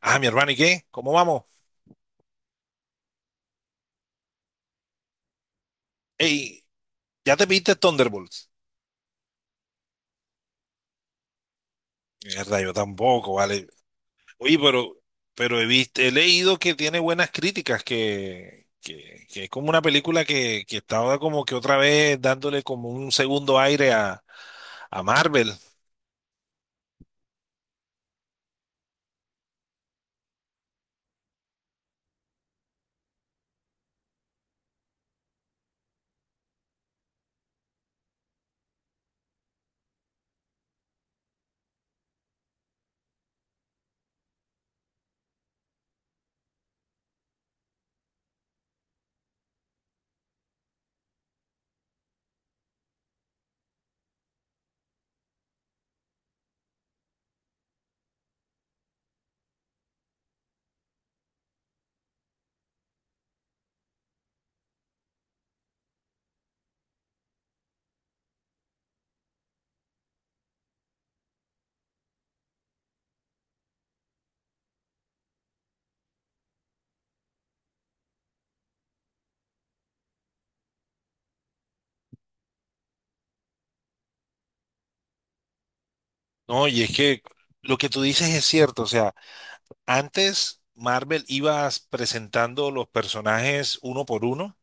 Ah, mi hermano, ¿y qué? ¿Cómo vamos? Ey, ¿ya te viste Thunderbolts? Mierda, yo tampoco, vale. Oye, pero he visto, he leído que tiene buenas críticas, que es como una película que estaba como que otra vez dándole como un segundo aire a Marvel. No, y es que lo que tú dices es cierto, o sea, antes Marvel ibas presentando los personajes uno por uno,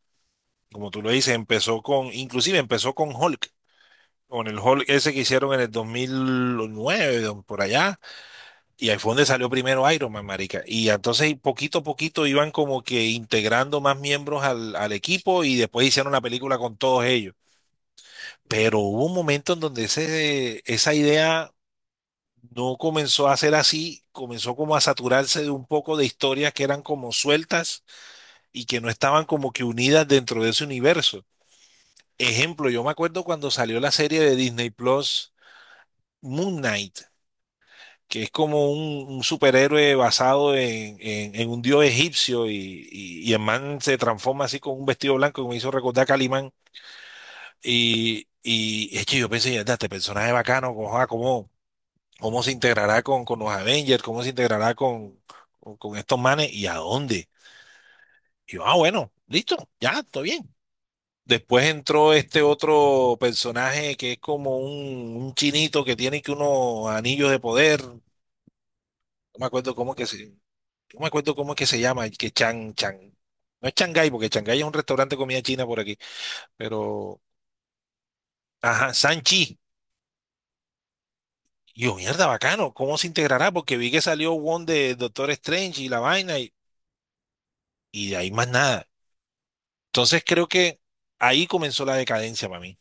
como tú lo dices, inclusive empezó con Hulk, con el Hulk ese que hicieron en el 2009, por allá, y ahí fue donde salió primero Iron Man, marica. Y entonces poquito a poquito iban como que integrando más miembros al equipo y después hicieron la película con todos ellos. Pero hubo un momento en donde esa idea no comenzó a ser así, comenzó como a saturarse de un poco de historias que eran como sueltas y que no estaban como que unidas dentro de ese universo. Ejemplo, yo me acuerdo cuando salió la serie de Disney Plus, Moon Knight, que es como un superhéroe basado en un dios egipcio, y el man se transforma así con un vestido blanco que me hizo recordar a Calimán. Y hecho, yo pensé: "Mierda, este personaje bacano, ¿cómo se integrará con los Avengers? ¿Cómo se integrará con estos manes? ¿Y a dónde?". Y yo, bueno, listo, ya, está bien. Después entró este otro personaje que es como un chinito que tiene que unos anillos de poder. No me acuerdo cómo que se, No me acuerdo cómo es que se llama, que Chan, Chan. No es Shanghái, porque Shanghái es un restaurante de comida china por aquí. Pero, ajá, Sanchi. Yo, mierda, bacano. ¿Cómo se integrará? Porque vi que salió Wong de Doctor Strange y la vaina y de ahí más nada. Entonces creo que ahí comenzó la decadencia para mí.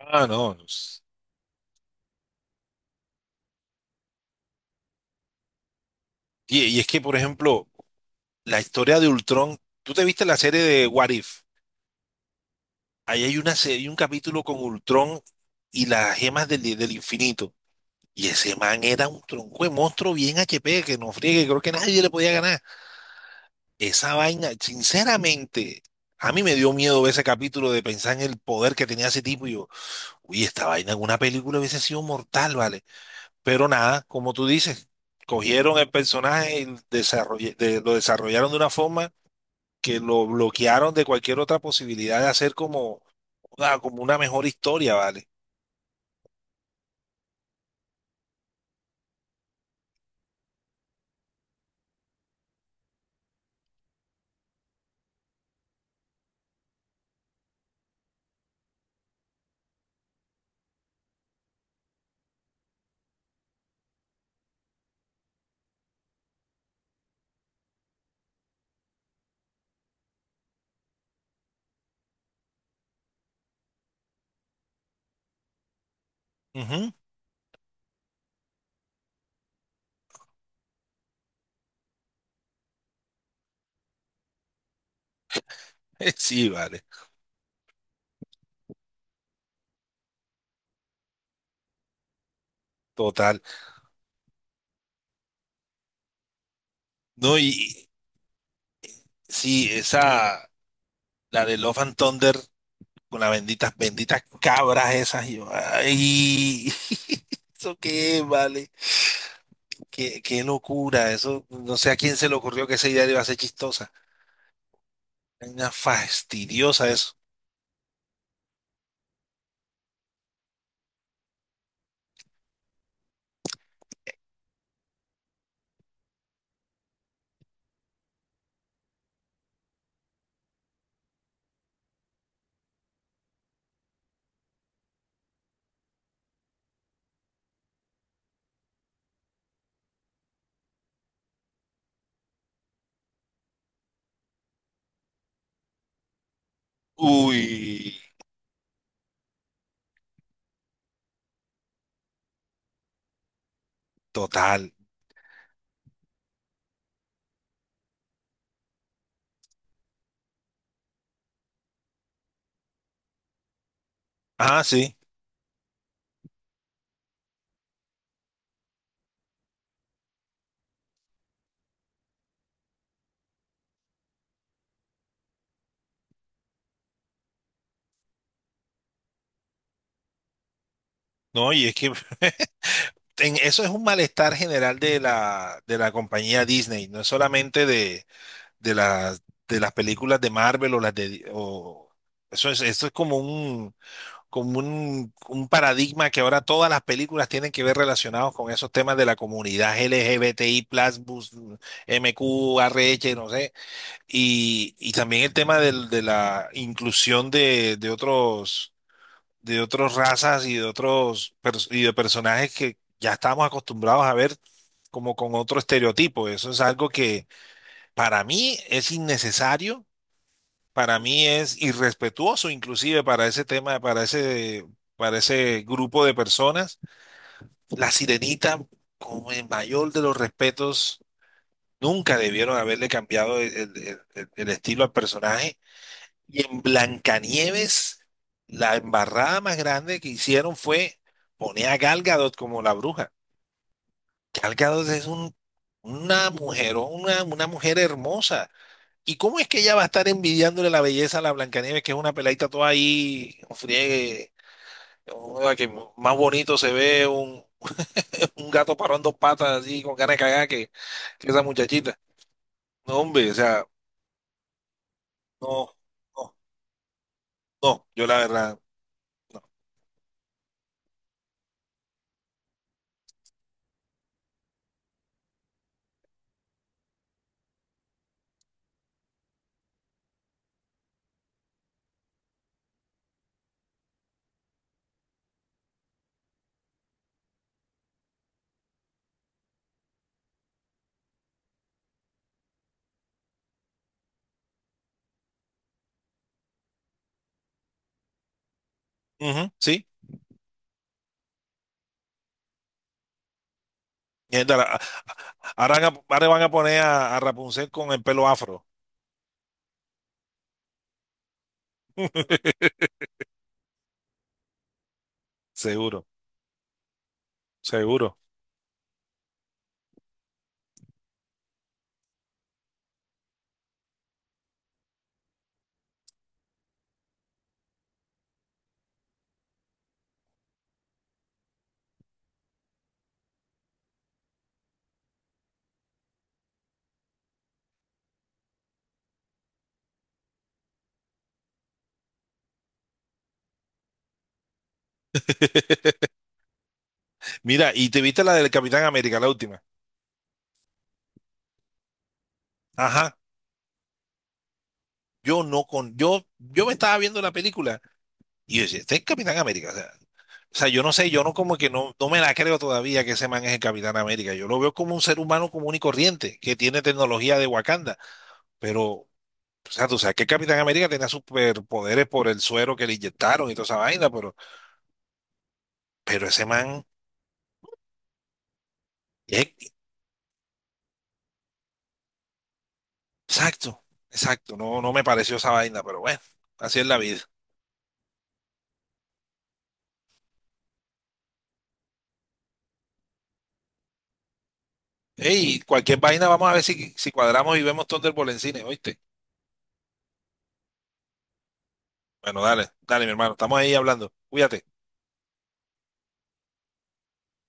Ah, no. Y es que, por ejemplo, la historia de Ultron. ¿Tú te viste la serie de What If? Ahí hay una serie, un capítulo con Ultron y las gemas del infinito. Y ese man era un tronco de monstruo bien HP, que no friegue, creo que nadie le podía ganar. Esa vaina, sinceramente, a mí me dio miedo ver ese capítulo de pensar en el poder que tenía ese tipo. Y yo, uy, esta vaina en una película hubiese sido mortal, ¿vale? Pero nada, como tú dices, cogieron el personaje y lo desarrollaron de una forma que lo bloquearon de cualquier otra posibilidad de hacer como como una mejor historia, ¿vale? Ujú. Sí, vale, total. No, y sí, esa. La de Love and Thunder con las benditas, benditas cabras esas, y yo, ay, ¿eso qué, vale? Qué, qué locura. Eso, no sé a quién se le ocurrió que esa idea iba a ser chistosa. Una fastidiosa eso. Uy, total. Ah, sí. No, y es que eso es un malestar general de la compañía Disney. No es solamente de las, de las películas de Marvel. O las de... o- eso es, esto es como un paradigma que ahora todas las películas tienen que ver relacionados con esos temas de la comunidad LGBTI+, bus, MQ, RH, no sé, y también el tema de la inclusión de otras razas y de otros y de personajes que ya estamos acostumbrados a ver como con otro estereotipo. Eso es algo que para mí es innecesario, para mí es irrespetuoso inclusive para ese tema, para ese grupo de personas. La Sirenita, con el mayor de los respetos, nunca debieron haberle cambiado el estilo al personaje. Y en Blancanieves, la embarrada más grande que hicieron fue poner a Gal Gadot como la bruja. Gal Gadot es una mujer, una mujer hermosa. ¿Y cómo es que ella va a estar envidiándole la belleza a la Blancanieves, que es una peladita toda ahí, un friegue, una que más bonito se ve un, un gato parado en dos patas, así, con ganas de cagar, que esa muchachita? No, hombre, o sea, no, no, no, yo la verdad, no. Ujú, sí. Mierda, ahora, van a poner a Rapunzel con el pelo afro. Seguro, seguro. Mira, y te viste la del Capitán América, la última. Ajá. Yo no con, yo me estaba viendo la película. Y yo decía, este es el Capitán América. O sea, yo no sé, yo no como que no me la creo todavía que ese man es el Capitán América. Yo lo veo como un ser humano común y corriente, que tiene tecnología de Wakanda. Pero, o sea, tú sabes que el Capitán América tenía superpoderes por el suero que le inyectaron y toda esa vaina, pero, ese man, es- exacto, exacto, no me pareció esa vaina, pero bueno, así es la vida. Ey, cualquier vaina, vamos a ver si cuadramos y vemos Thunderbolt en cine, ¿oíste? Bueno, dale, dale, mi hermano, estamos ahí hablando. Cuídate.